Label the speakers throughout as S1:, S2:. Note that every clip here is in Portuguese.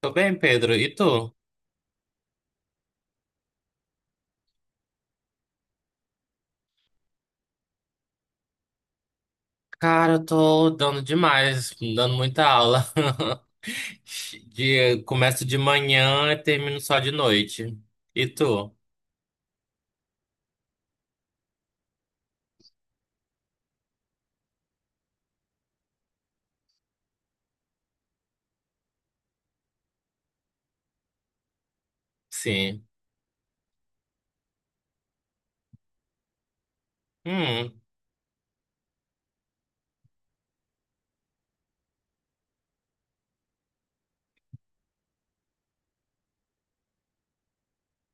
S1: Tô bem, Pedro. E tu? Cara, eu tô dando demais, dando muita aula. De, começo de manhã e termino só de noite. E tu? Sim. Hum,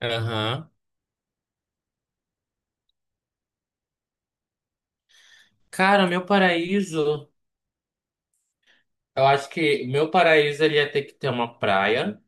S1: aham. Cara, meu paraíso. Eu acho que meu paraíso ele ia ter que ter uma praia,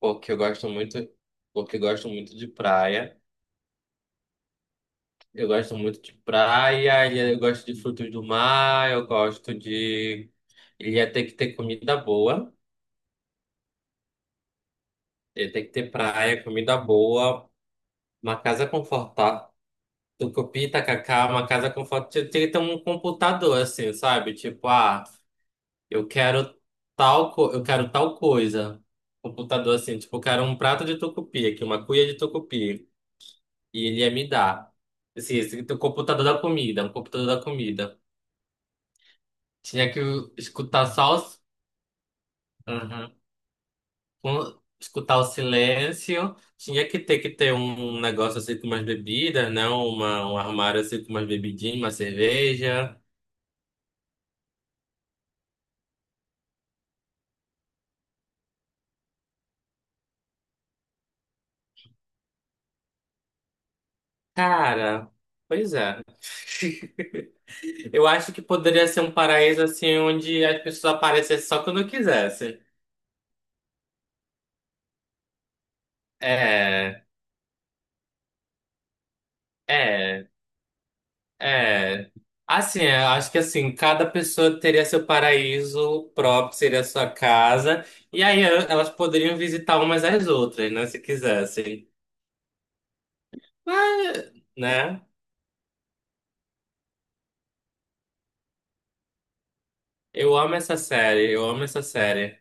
S1: porque eu gosto muito, porque eu gosto muito de praia. Eu gosto muito de praia, e eu gosto de frutos do mar, eu gosto de. Ele ia ter que ter comida boa. Ele tem que ter praia, comida boa, uma casa confortável. Tucupi, tacacá, uma casa confortável. Tem que ter um computador, assim, sabe? Tipo, eu quero tal, eu quero tal coisa. Computador, assim, tipo, eu quero um prato de tucupi aqui, uma cuia de tucupi. E ele ia me dar. Assim, esse, o computador da comida, um computador da comida. Tinha que escutar só os... escutar o silêncio. Tinha que ter um negócio assim com umas bebidas, né? Uma, um armário assim com umas bebidinhas, uma cerveja. Cara, pois é. Eu acho que poderia ser um paraíso assim onde as pessoas aparecessem só quando quisessem. É, é, é. Assim, eu acho que assim, cada pessoa teria seu paraíso próprio, seria a sua casa, e aí elas poderiam visitar umas às outras, né, se quisessem. Mas, né? Eu amo essa série, eu amo essa série.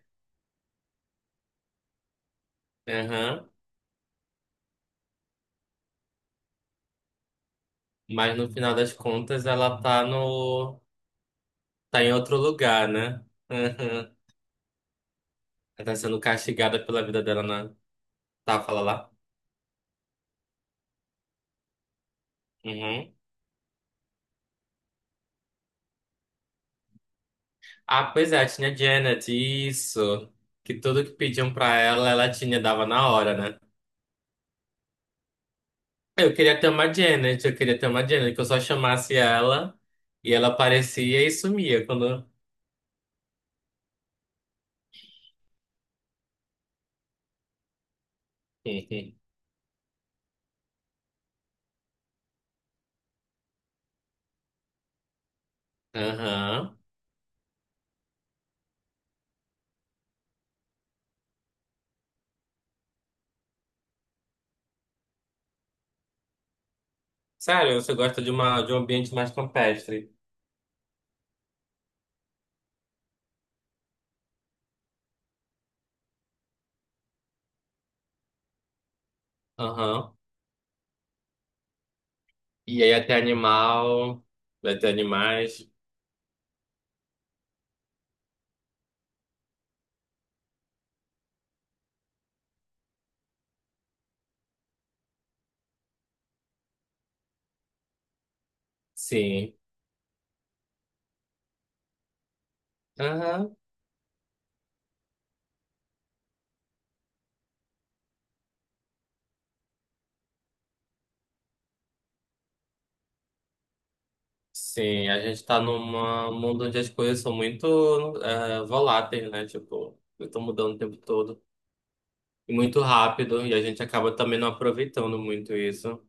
S1: Aham. Mas no final das contas ela tá no. Tá em outro lugar, né? Aham. Ela tá sendo castigada pela vida dela na. Tá, fala lá. Uhum. Ah, pois é, tinha Janet, isso. Que tudo que pediam pra ela, ela tinha, dava na hora, né? Eu queria ter uma Janet, eu queria ter uma Janet, que eu só chamasse ela e ela aparecia e sumia quando. Aham. Sério, você gosta de, uma, de um ambiente mais campestre. Aham. E aí até animal, vai ter animais. Sim. Aham. Sim, a gente tá num mundo onde as coisas são muito voláteis, né? Tipo, estão mudando o tempo todo. E muito rápido. E a gente acaba também não aproveitando muito isso.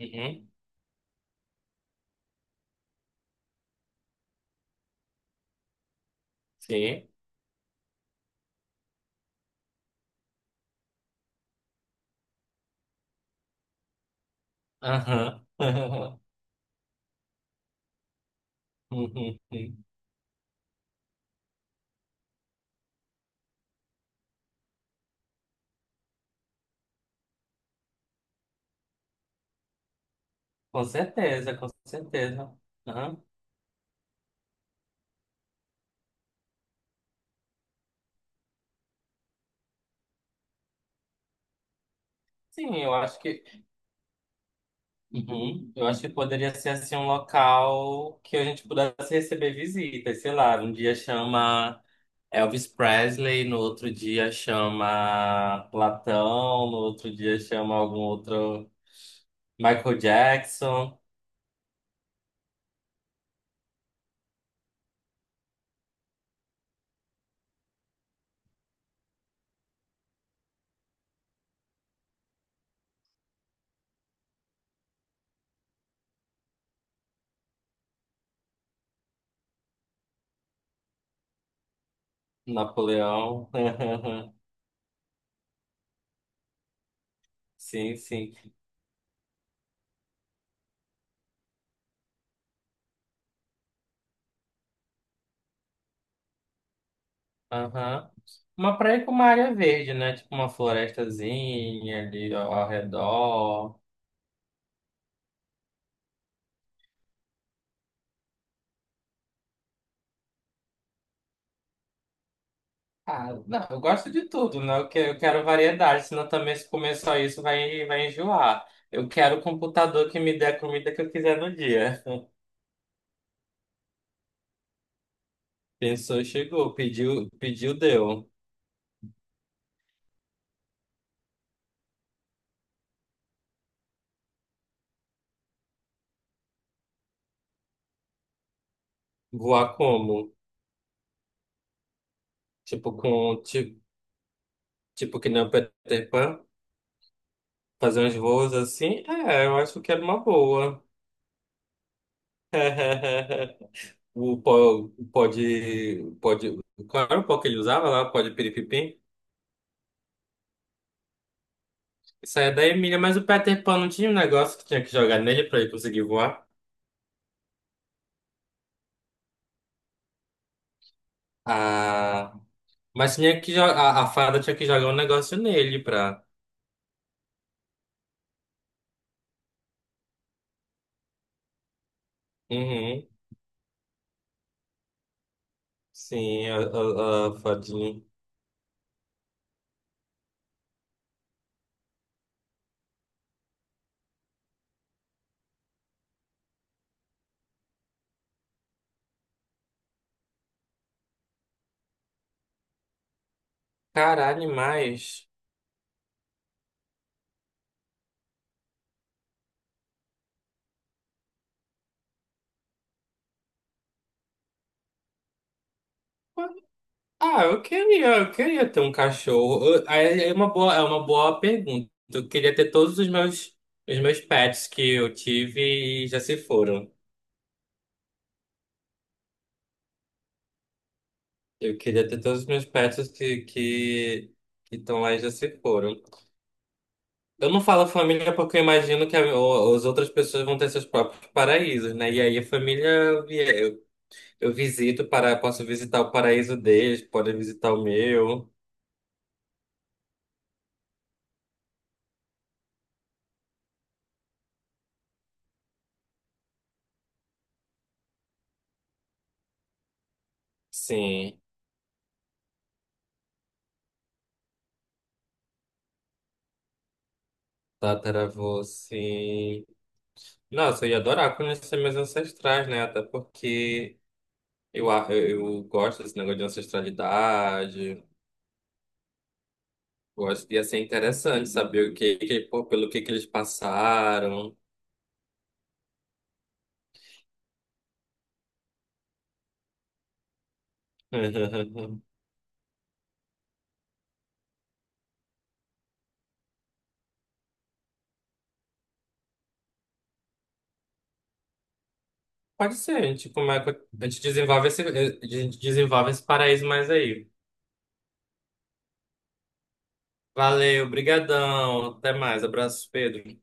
S1: Uhum. Sim. Aham. Uhum. Uhum. Com certeza, com certeza. Aham. Sim, eu acho que uhum. Eu acho que poderia ser assim um local que a gente pudesse receber visitas, sei lá, um dia chama Elvis Presley, no outro dia chama Platão, no outro dia chama algum outro Michael Jackson, Napoleão. Sim, sim. Aham. Uma praia com uma área verde, né? Tipo uma florestazinha ali ao redor. Ah, não, eu gosto de tudo, né? Eu quero variedade, senão também se comer só isso vai, vai enjoar. Eu quero o computador que me dê a comida que eu quiser no dia. Pensou, chegou, pediu, pediu, deu. Voar como? Tipo com tipo, tipo que nem o Peter Pan, fazer uns voos assim? É, eu acho que era uma boa. O pó, pó de, qual era o pó que ele usava lá? O pó de piripipim? Isso aí é da Emília, mas o Peter Pan não tinha um negócio que tinha que jogar nele pra ele conseguir voar? Ah, mas tinha que jogar, a fada tinha que jogar um negócio nele pra. Uhum, sim, a fadinha. Caralho, mas. Ah, eu queria ter um cachorro. É é uma boa pergunta. Eu queria ter todos os meus pets que eu tive e já se foram. Eu queria ter todos os meus pets que estão lá e já se foram. Eu não falo família porque eu imagino que as outras pessoas vão ter seus próprios paraísos, né? E aí a família eu visito para posso visitar o paraíso deles, podem visitar o meu. Sim, tataravô, sim. Nossa, eu ia adorar conhecer meus ancestrais, né? Até porque eu gosto desse negócio de ancestralidade. Gosto, ia ser interessante saber o que, que pô, pelo que eles passaram. Pode ser, tipo, mas a gente desenvolve esse, a gente desenvolve esse paraíso mais aí. Valeu, brigadão, até mais, abraços, Pedro.